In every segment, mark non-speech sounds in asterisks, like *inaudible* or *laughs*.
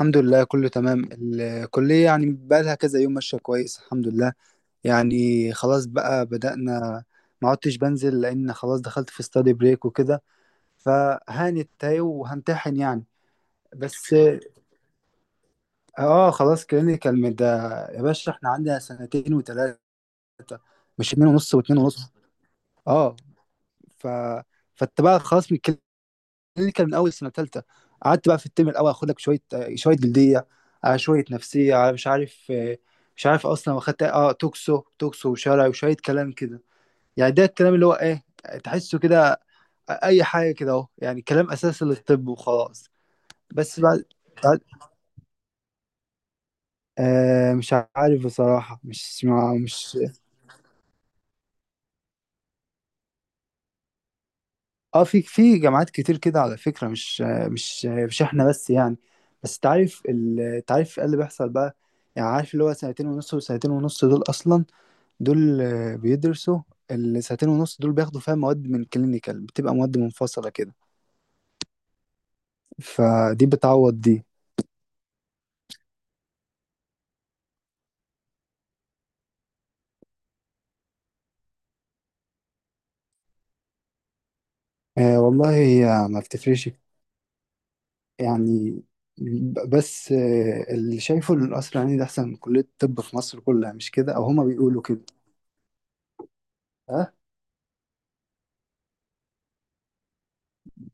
الحمد لله، كله تمام. الكلية يعني بقالها كذا يوم ماشية كويس، الحمد لله. يعني خلاص بقى بدأنا. ما عدتش بنزل لأن خلاص دخلت في ستادي بريك وكده. فهانت اهي وهمتحن يعني. بس. اه، خلاص كلينيكال من ده. يا باشا، احنا عندنا سنتين وتلاتة. مش اتنين ونص واتنين ونص. اه. ف فانت بقى خلاص. اللي كان من اول سنه ثالثه، قعدت بقى في الترم الاول اخد لك شويه شويه جلديه، على شويه نفسيه، على مش عارف، مش عارف اصلا. واخدت اه توكسو وشرعي وشويه كلام كده. يعني ده الكلام اللي هو ايه، تحسه كده. اي حاجه كده اهو، يعني كلام اساسي للطب وخلاص. بس بعد. بعد مش عارف بصراحه مش. اه، في جامعات كتير كده على فكرة، مش مش احنا بس يعني. بس تعرف تعرف ايه اللي بيحصل بقى. يعني عارف اللي هو سنتين ونص وسنتين ونص دول اصلا، دول بيدرسوا. السنتين ونص دول بياخدوا فيها مواد من كلينيكال، بتبقى مواد منفصلة كده. فدي بتعوض دي. آه والله هي ما بتفرقش يعني. ب- بس آه اللي شايفه ان القصر العيني ده احسن من كلية الطب في مصر كلها، مش كده؟ او هما بيقولوا كده. ها.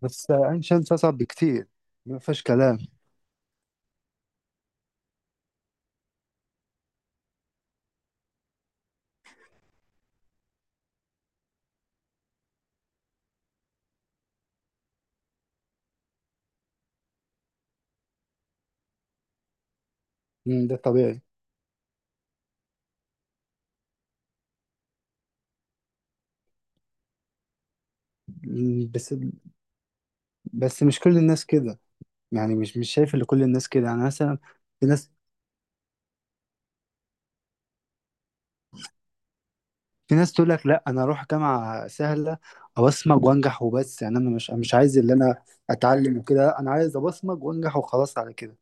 بس عين شمس اصعب بكتير، ما فيهاش كلام. ده طبيعي. بس، بس مش كل الناس كده. يعني مش شايف ان كل الناس كده، يعني مثلا في ناس، في ناس تقول لك لا، انا اروح جامعه سهله. ابصمج وانجح وبس. يعني انا مش عايز اللي انا اتعلم وكده، لا، انا عايز ابصمج وانجح وخلاص على كده.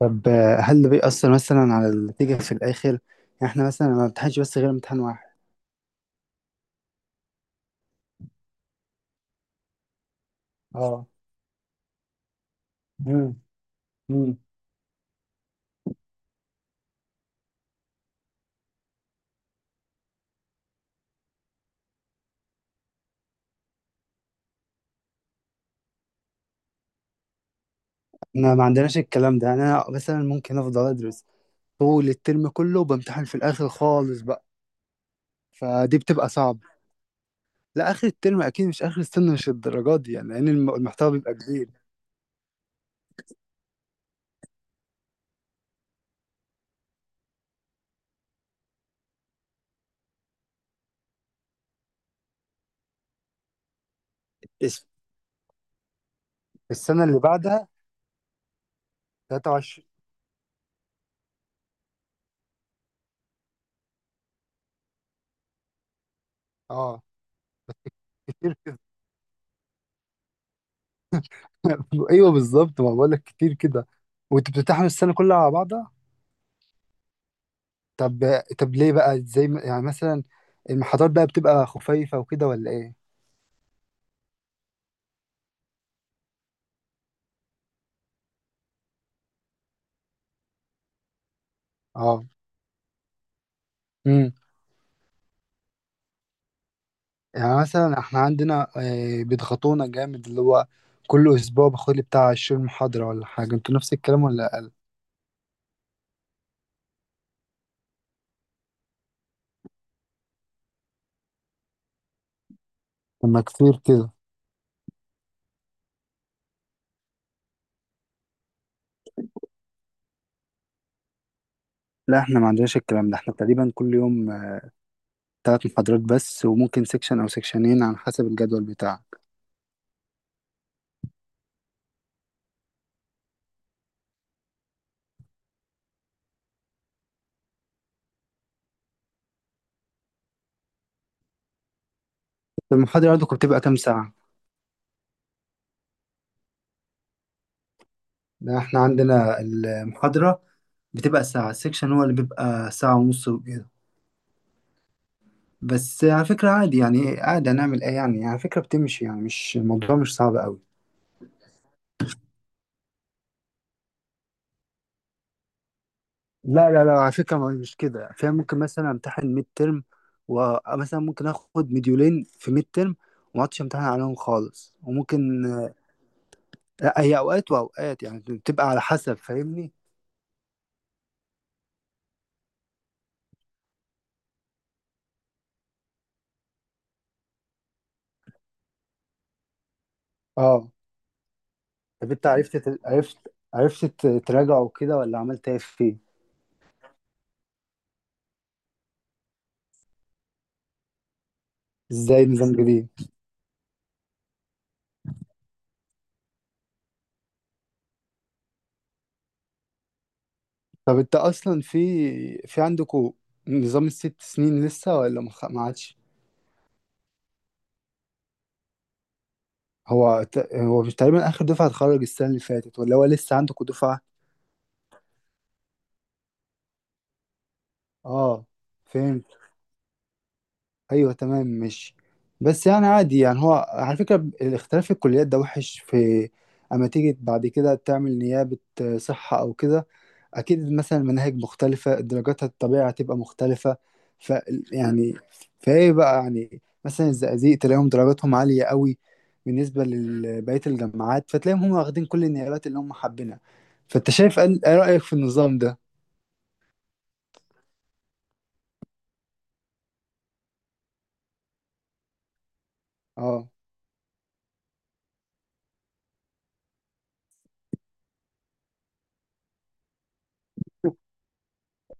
طب هل ده بيأثر مثلا على النتيجه في الاخر يعني؟ احنا مثلا ما بنمتحنش بس غير امتحان واحد. اه. مم. مم. احنا ما عندناش الكلام ده. يعني انا مثلا ممكن افضل ادرس طول الترم كله، وبامتحن في الاخر خالص بقى، فدي بتبقى صعب. لا اخر الترم اكيد، مش اخر السنه، مش الدرجات دي يعني، لان المحتوى بيبقى كبير. اس- السنه اللي بعدها. 23. اه، كتير كده. *laughs* ايوه، بالظبط، ما بقول لك كتير كده. وانت بتمتحن السنه كلها على بعضها. طب ليه بقى، زي يعني مثلا، المحاضرات بقى بتبقى خفيفه وكده ولا ايه؟ اه. امم يعني مثلا احنا عندنا بيضغطونا جامد. اللي هو كل اسبوع باخد لي بتاع 20 محاضره ولا حاجه، انتوا نفس الكلام ولا؟ لما كتير كده. لا احنا ما عندناش الكلام ده، احنا تقريبا كل يوم ثلاث محاضرات بس، وممكن سيكشن او سيكشنين على حسب الجدول بتاعك. المحاضرة عندكم بتبقى كام ساعة؟ لا احنا عندنا المحاضرة بتبقى ساعة، السيكشن هو اللي بيبقى ساعة ونص وكده. بس على فكرة عادي يعني، عادي هنعمل ايه يعني. على فكرة بتمشي يعني، مش الموضوع مش صعب قوي. لا لا لا، على فكرة مش كده، فيها ممكن مثلا امتحن ميد ترم، ومثلا ممكن اخد مديولين في ميد ترم وما اقعدش امتحن عليهم خالص، وممكن. لا هي اوقات واوقات يعني، بتبقى على حسب، فاهمني. اه. طب انت عرفت تراجعه كده ولا عملت ايه فيه؟ ازاي نظام جديد؟ طب انت اصلا في، عندكوا نظام الست سنين لسه ولا ما عادش؟ هو هو مش تقريبا اخر دفعه اتخرج السنه اللي فاتت، ولا هو لسه عندكوا دفعه؟ اه، فهمت. ايوه، تمام، مش، بس يعني عادي يعني. هو على فكره الاختلاف في الكليات ده وحش في، اما تيجي بعد كده تعمل نيابه صحه او كده، اكيد مثلا المناهج مختلفه، درجاتها الطبيعي هتبقى مختلفه. ف يعني، فايه بقى يعني؟ مثلا الزقازيق تلاقيهم درجاتهم عاليه قوي بالنسبه لبقيه الجامعات، فتلاقيهم هم واخدين كل النيابات اللي هم حابينها. فانت شايف ايه رايك في النظام ده؟ اه.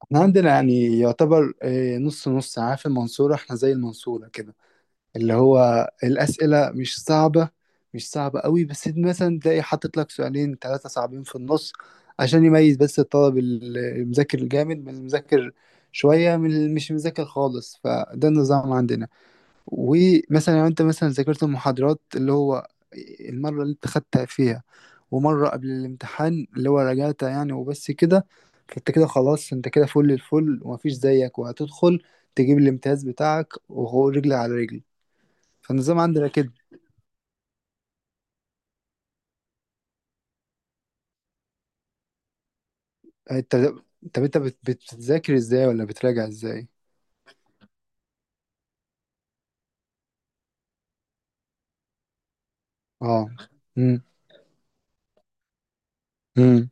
احنا عندنا يعني يعتبر نص نص. عارف المنصوره؟ احنا زي المنصوره كده. اللي هو الأسئلة مش صعبة، مش صعبة قوي، بس انت مثلا تلاقي حاطط لك سؤالين ثلاثة صعبين في النص، عشان يميز بس الطالب المذاكر الجامد من المذاكر شوية، من اللي مش مذاكر خالص. فده النظام عندنا. ومثلا لو انت مثلا ذاكرت المحاضرات، اللي هو المرة اللي انت خدتها فيها، ومرة قبل الامتحان اللي هو راجعتها يعني وبس كده، فانت كده خلاص، انت كده فل الفل ومفيش زيك، وهتدخل تجيب الامتياز بتاعك وهو رجل على رجل. فالنظام عندنا كده. انت، طب انت بتذاكر ازاي ولا بتراجع ازاي؟ اه. امم امم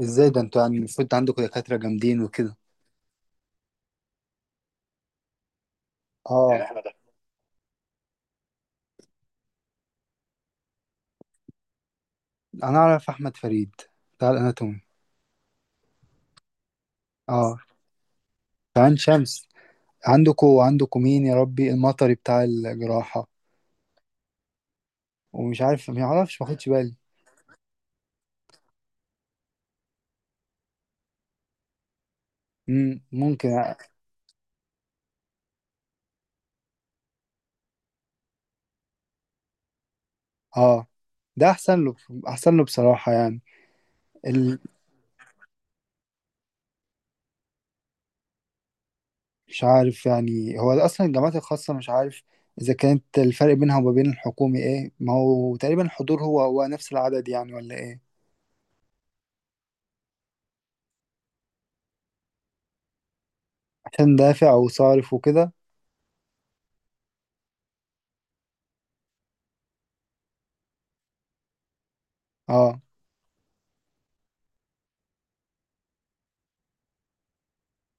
ازاي ده؟ انتوا يعني المفروض عندكم دكاترة جامدين وكده. اه. انا اعرف احمد فريد بتاع الاناتومي. اه. كمان شمس. عندكم مين يا ربي المطري بتاع الجراحة، ومش عارف، ما يعرفش، ما خدش بالي. ممكن. اه، ده احسن له، احسن له بصراحة. يعني مش عارف، يعني هو اصلا الجامعات الخاصه مش عارف اذا كانت، الفرق بينها وما بين الحكومي ايه؟ ما هو تقريبا الحضور هو هو نفس العدد يعني ولا ايه؟ عشان دافع وصارف وكده. اه.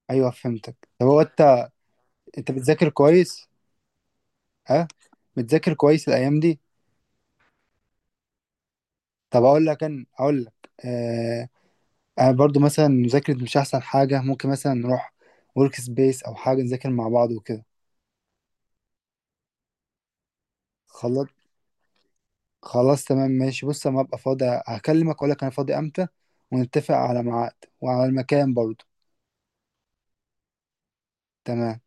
ايوه، فهمتك. طب هو انت بتذاكر كويس؟ ها؟ بتذاكر كويس الايام دي؟ طب اقول لك، آه انا برضو مثلا مذاكرة مش احسن حاجه، ممكن مثلا نروح ورك سبيس او حاجه نذاكر مع بعض وكده. خلاص، خلاص تمام ماشي. بص اما ابقى فاضي هكلمك، اقول لك انا فاضي امتى، ونتفق على ميعاد وعلى المكان برضه. تمام.